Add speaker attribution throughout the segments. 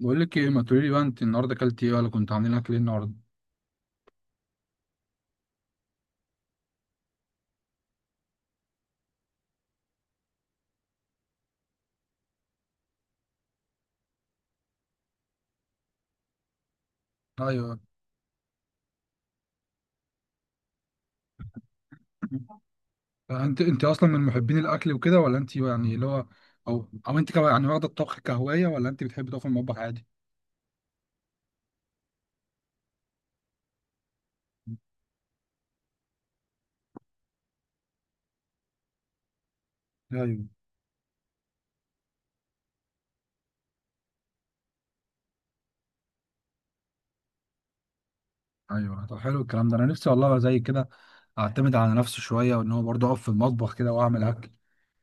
Speaker 1: بقول لك ايه؟ ما تقولي لي بقى، انت النهارده اكلتي ايه، ولا كنت عاملين اكل ايه النهارده؟ ايوه. انت اصلا من محبين الاكل وكده، ولا انت يعني اللي هو او او انت واخده الطبخ كهوايه، ولا انت بتحبي تقفي المطبخ عادي؟ ايوه ايوه. طب حلو الكلام ده، انا نفسي والله أبقى زي كده، اعتمد على نفسي شويه، وان هو برضه اقف في المطبخ كده واعمل اكل.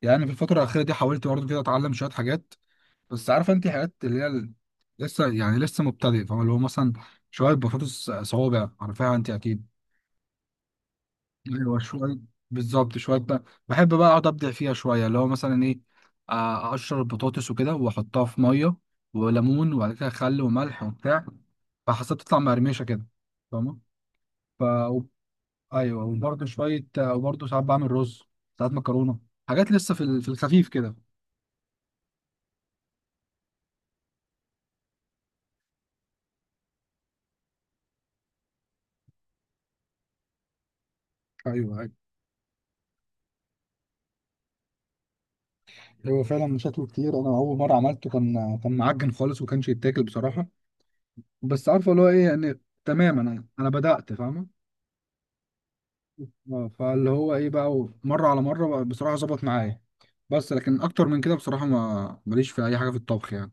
Speaker 1: يعني في الفتره الاخيره دي حاولت برضه كده اتعلم شويه حاجات، بس عارفه انت حاجات لسه، يعني لسه مبتدئ، فاهم؟ اللي هو مثلا شويه بطاطس صوابع، عارفاها انت اكيد. ايوه شويه، بالظبط. شويه بقى بحب بقى اقعد ابدع فيها شويه، اللي هو مثلا ايه، اقشر البطاطس وكده، واحطها في ميه وليمون، وبعد كده خل وملح وبتاع، فحسب تطلع مقرمشه كده، فاهمه؟ ف و- ايوه. وبرده شويه، وبرده ساعات بعمل رز، ساعات مكرونه، حاجات لسه في الخفيف كده. ايوه ايوه. هو فعلا شكله كتير، انا اول مره عملته كان معجن خالص، وكانش يتاكل بصراحه. بس عارفه اللي هو ايه، يعني تمام، انا بدات فاهمه. اه فاللي هو ايه بقى، مره على مره بقى بصراحه ظبط معايا. بس لكن اكتر من كده بصراحه ما ماليش في اي حاجه في الطبخ يعني.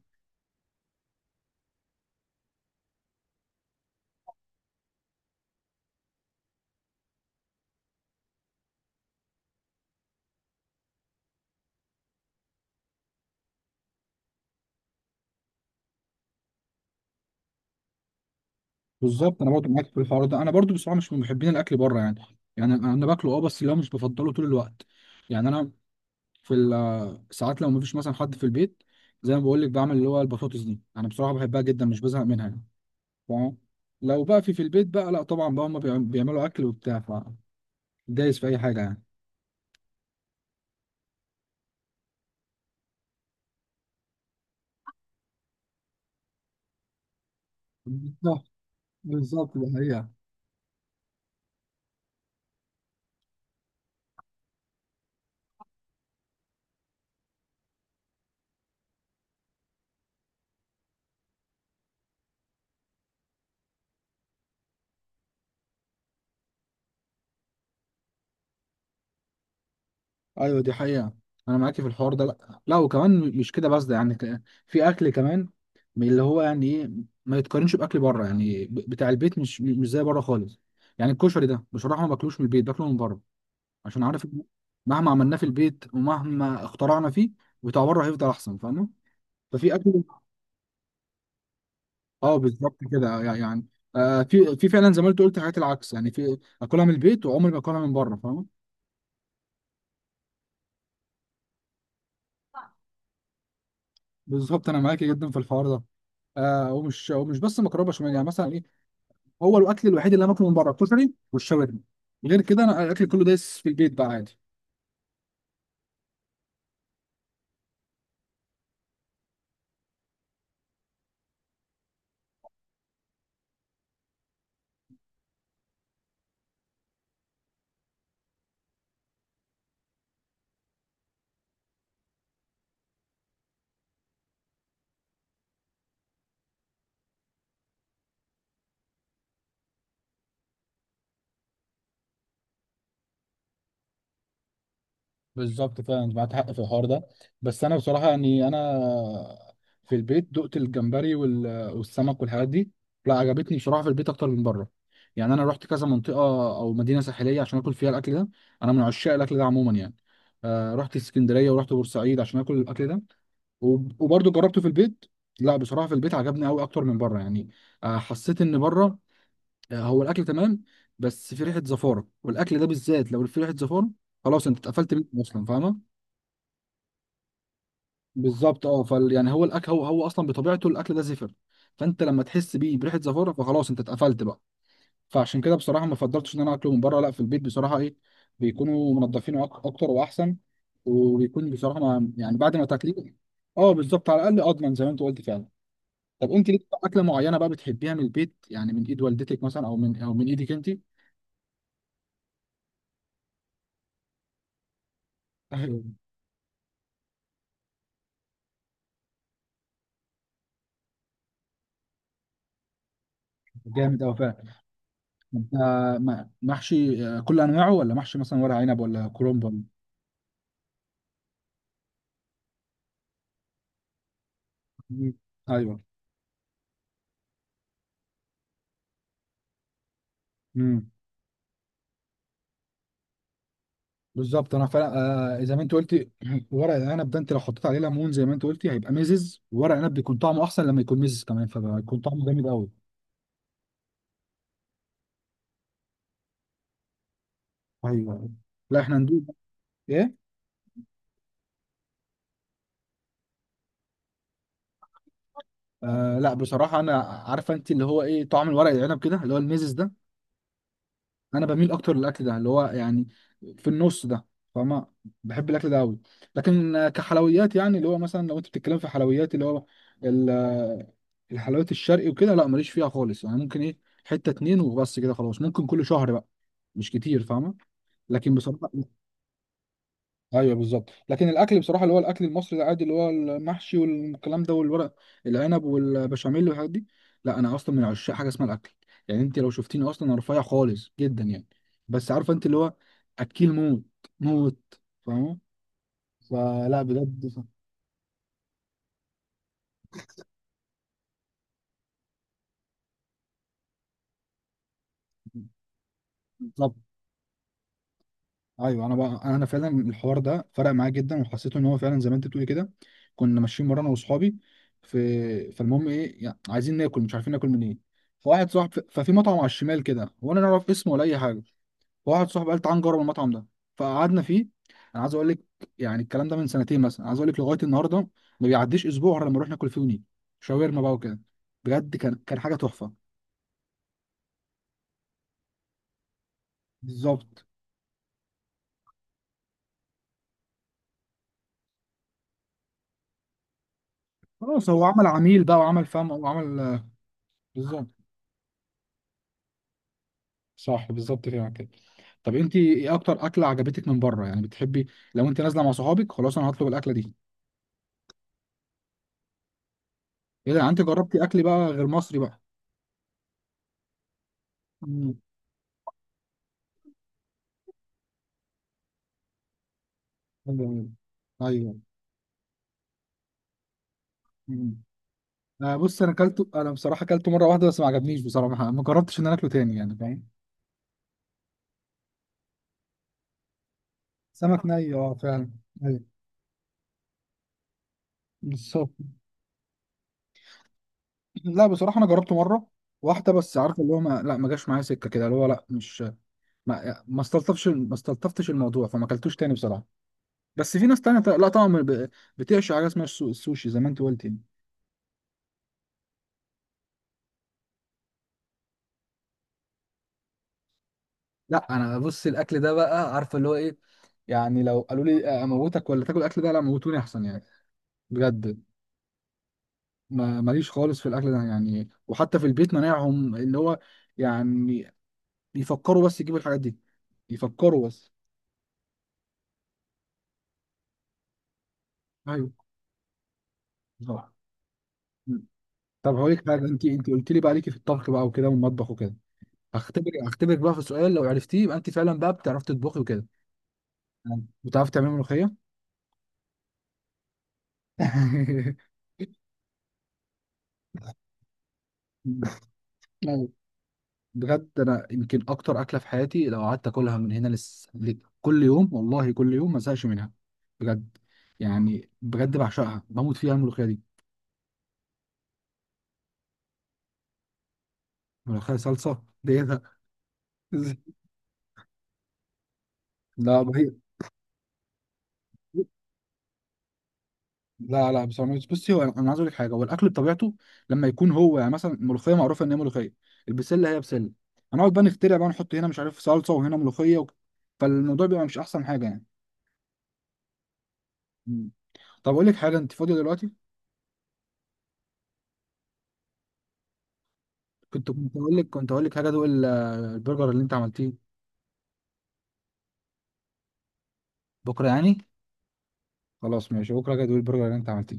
Speaker 1: بالظبط، انا برضو معاك في الحوار ده، انا برضو بصراحه مش من محبين الاكل بره يعني. يعني انا، باكله اه، بس اللي هو مش بفضله طول الوقت. يعني انا ساعات لو مفيش مثلا حد في البيت، زي ما بقول لك بعمل اللي هو البطاطس دي، انا بصراحه بحبها جدا مش بزهق منها يعني، فاهم؟ لو بقى في البيت بقى، لا طبعا بقى هم بيعملوا اكل وبتاع، فدايس في اي حاجه يعني. بالظبط، بالظبط ده هي. ايوه دي حقيقة، انا معاكي في الحوار ده. لا لا، وكمان مش كده بس ده يعني في اكل كمان من اللي هو يعني ايه، ما يتقارنش باكل بره يعني، بتاع البيت مش زي بره خالص. يعني الكشري ده بصراحة ما باكلوش من البيت، باكله من بره، عشان عارف إن مهما عملناه في البيت، ومهما اخترعنا فيه، بتاع بره هيفضل احسن، فاهمة؟ ففي اكل، اه بالظبط كده يعني. آه في فعلا زي ما انت قلت حاجات العكس يعني، في اكلها من البيت وعمري ما اكلها من بره، فاهمة؟ بالظبط، انا معاكي جدا في الحوار ده. آه، ومش بس مكرونه بشاميل، يعني مثلا إيه، هو الاكل الوحيد اللي انا باكله من بره الكشري والشاورما، غير كده انا الاكل كله دايس في البيت بقى عادي. بالظبط فعلا، انت معاك حق في الحوار ده. بس انا بصراحه يعني انا في البيت دقت الجمبري والسمك والحاجات دي، لا عجبتني بصراحه في البيت اكتر من بره. يعني انا رحت كذا منطقه او مدينه ساحليه عشان اكل فيها الاكل ده، انا من عشاق الاكل ده عموما يعني. آه رحت اسكندريه ورحت بورسعيد عشان اكل الاكل ده، وبرضه جربته في البيت، لا بصراحه في البيت عجبني قوي اكتر من بره يعني. آه حسيت ان بره، هو الاكل تمام، بس في ريحه زفاره، والاكل ده بالذات لو في ريحه زفاره خلاص انت اتقفلت منه اصلا، فاهمه؟ بالظبط. اه فال يعني هو الاكل، هو اصلا بطبيعته الاكل ده زفر، فانت لما تحس بيه بريحه زفاره فخلاص انت اتقفلت بقى. فعشان كده بصراحه ما فضلتش ان انا اكله من بره، لا في البيت بصراحه ايه بيكونوا منضفينه اكتر واحسن، وبيكون بصراحه ما يعني بعد ما تاكليه. اه بالظبط، على الاقل اضمن زي ما انت قلت فعلا. طب انت ليك بقى اكله معينه بقى بتحبيها من البيت يعني، من ايد والدتك مثلا، او من ايدك انت؟ أيوة. جامد أوي فعلا. انت محشي كل انواعه، ولا محشي مثلا ورق عنب، ولا كرنب ولا؟ مم. ايوه. امم. بالظبط انا فعلا، آه زي ما انت قلتي، ورق العنب ده، انت لو حطيت عليه ليمون زي ما انت قلتي هيبقى مزز، ورق العنب بيكون طعمه احسن لما يكون مزز كمان، فبيكون طعمه جامد قوي. ايوه. لا احنا ندوق. ايه؟ آه لا بصراحه انا عارفه انت اللي هو ايه، طعم الورق العنب كده اللي هو المزز ده، انا بميل اكتر للاكل ده اللي هو يعني في النص ده، فاهمة؟ بحب الاكل ده قوي. لكن كحلويات، يعني اللي هو مثلا لو انت بتتكلم في حلويات، اللي هو ال- آه، الحلويات الشرقي وكده لا ماليش فيها خالص يعني، ممكن ايه، حتة اتنين وبس كده خلاص، ممكن كل شهر بقى، مش كتير، فاهمة؟ لكن بصراحة، ايوه بالظبط، لكن الاكل بصراحه اللي هو الاكل المصري العادي اللي هو المحشي والكلام ده، والورق العنب والبشاميل والحاجات دي، لا انا اصلا من عشاق حاجه اسمها الاكل. يعني انت لو شفتيني اصلا انا رفيع خالص جدا يعني، بس عارفه انت اللي هو اكيل موت موت، فاهمه؟ فلا بجد. بالظبط. ايوه انا بقى انا فعلا الحوار ده فرق معايا جدا، وحسيت ان هو فعلا زي ما انت بتقولي كده. كنا ماشيين مره انا واصحابي في، فالمهم ايه، يعني عايزين ناكل مش عارفين ناكل منين، فواحد صاحب ففي مطعم على الشمال كده، وانا لا اعرف اسمه ولا اي حاجه، فواحد صاحبي قال تعال نجرب المطعم ده، فقعدنا فيه. انا عايز اقول لك، يعني الكلام ده من سنتين مثلا، عايز اقول لك لغايه النهارده ما بيعديش اسبوع غير لما نروح ناكل فيه ونيجي، شاورما بقى وكده، بجد كان حاجه تحفه. بالظبط. خلاص، هو عمل عميل بقى، وعمل فم، وعمل، بالظبط. صح بالظبط فعلا كده. طب انت ايه اكتر اكله عجبتك من بره يعني، بتحبي لو انت نازله مع صحابك خلاص انا هطلب الاكله دي؟ ايه ده، انت جربتي اكل بقى غير مصري بقى؟ مم. ايوه ايوه. ايوه. مم. آه بص انا اكلته، انا بصراحه اكلته مره واحده بس ما عجبنيش بصراحه، ما جربتش ان انا اكله تاني يعني، فاهم؟ سمك ني، اه فعلا. ايوه. بالظبط. لا بصراحه انا جربته مره واحده بس، عارف اللي هو ما جاش معايا سكه كده، اللي هو لا مش، ما استلطفتش الموضوع فما اكلتوش تاني بصراحه. بس في ناس تانية ط- لا طبعا ب- بتعشق حاجه اسمها السوشي زي ما انت قلت يعني. لا انا بص الاكل ده بقى، عارفه اللي هو ايه، يعني لو قالوا لي اموتك ولا تاكل الاكل ده، لا موتوني احسن يعني، بجد. ما ماليش خالص في الاكل ده يعني، وحتى في البيت مناعهم اللي هو يعني يفكروا بس يجيبوا الحاجات دي، يفكروا بس. ايوه. بالظبط. مم. طب هقول لك حاجه، انت قلت لي بقى ليكي في الطبخ بقى وكده والمطبخ وكده، هختبرك بقى في سؤال، لو عرفتيه يبقى انت فعلا بقى بتعرفي تطبخي وكده. تمام. بتعرفي تعملي ملوخيه؟ أيوة. بجد انا يمكن اكتر اكله في حياتي، لو قعدت اكلها من هنا كل يوم والله، كل يوم ما ازهقش منها، بجد. يعني بجد بعشقها، بموت فيها الملوخيه دي. ملوخيه صلصه دي إيه ده؟ لا هي، لا لا بصراحه بصي، هو انا، عايز اقول لك حاجه، هو الاكل بطبيعته لما يكون هو، يعني مثلا الملوخيه معروفه ان هي ملوخيه، البسله هي بسله، هنقعد بقى نخترع بقى نحط هنا مش عارف صلصه وهنا ملوخيه و... فالموضوع بيبقى مش احسن حاجه يعني. مم. طب اقول لك حاجه، انت فاضيه دلوقتي؟ كنت اقول لك حاجه، ادوق البرجر اللي انت عملتيه. بكره يعني؟ خلاص ماشي، بكره حاجه ادوق البرجر اللي انت عملتيه.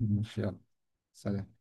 Speaker 1: ماشي يلا. سلام.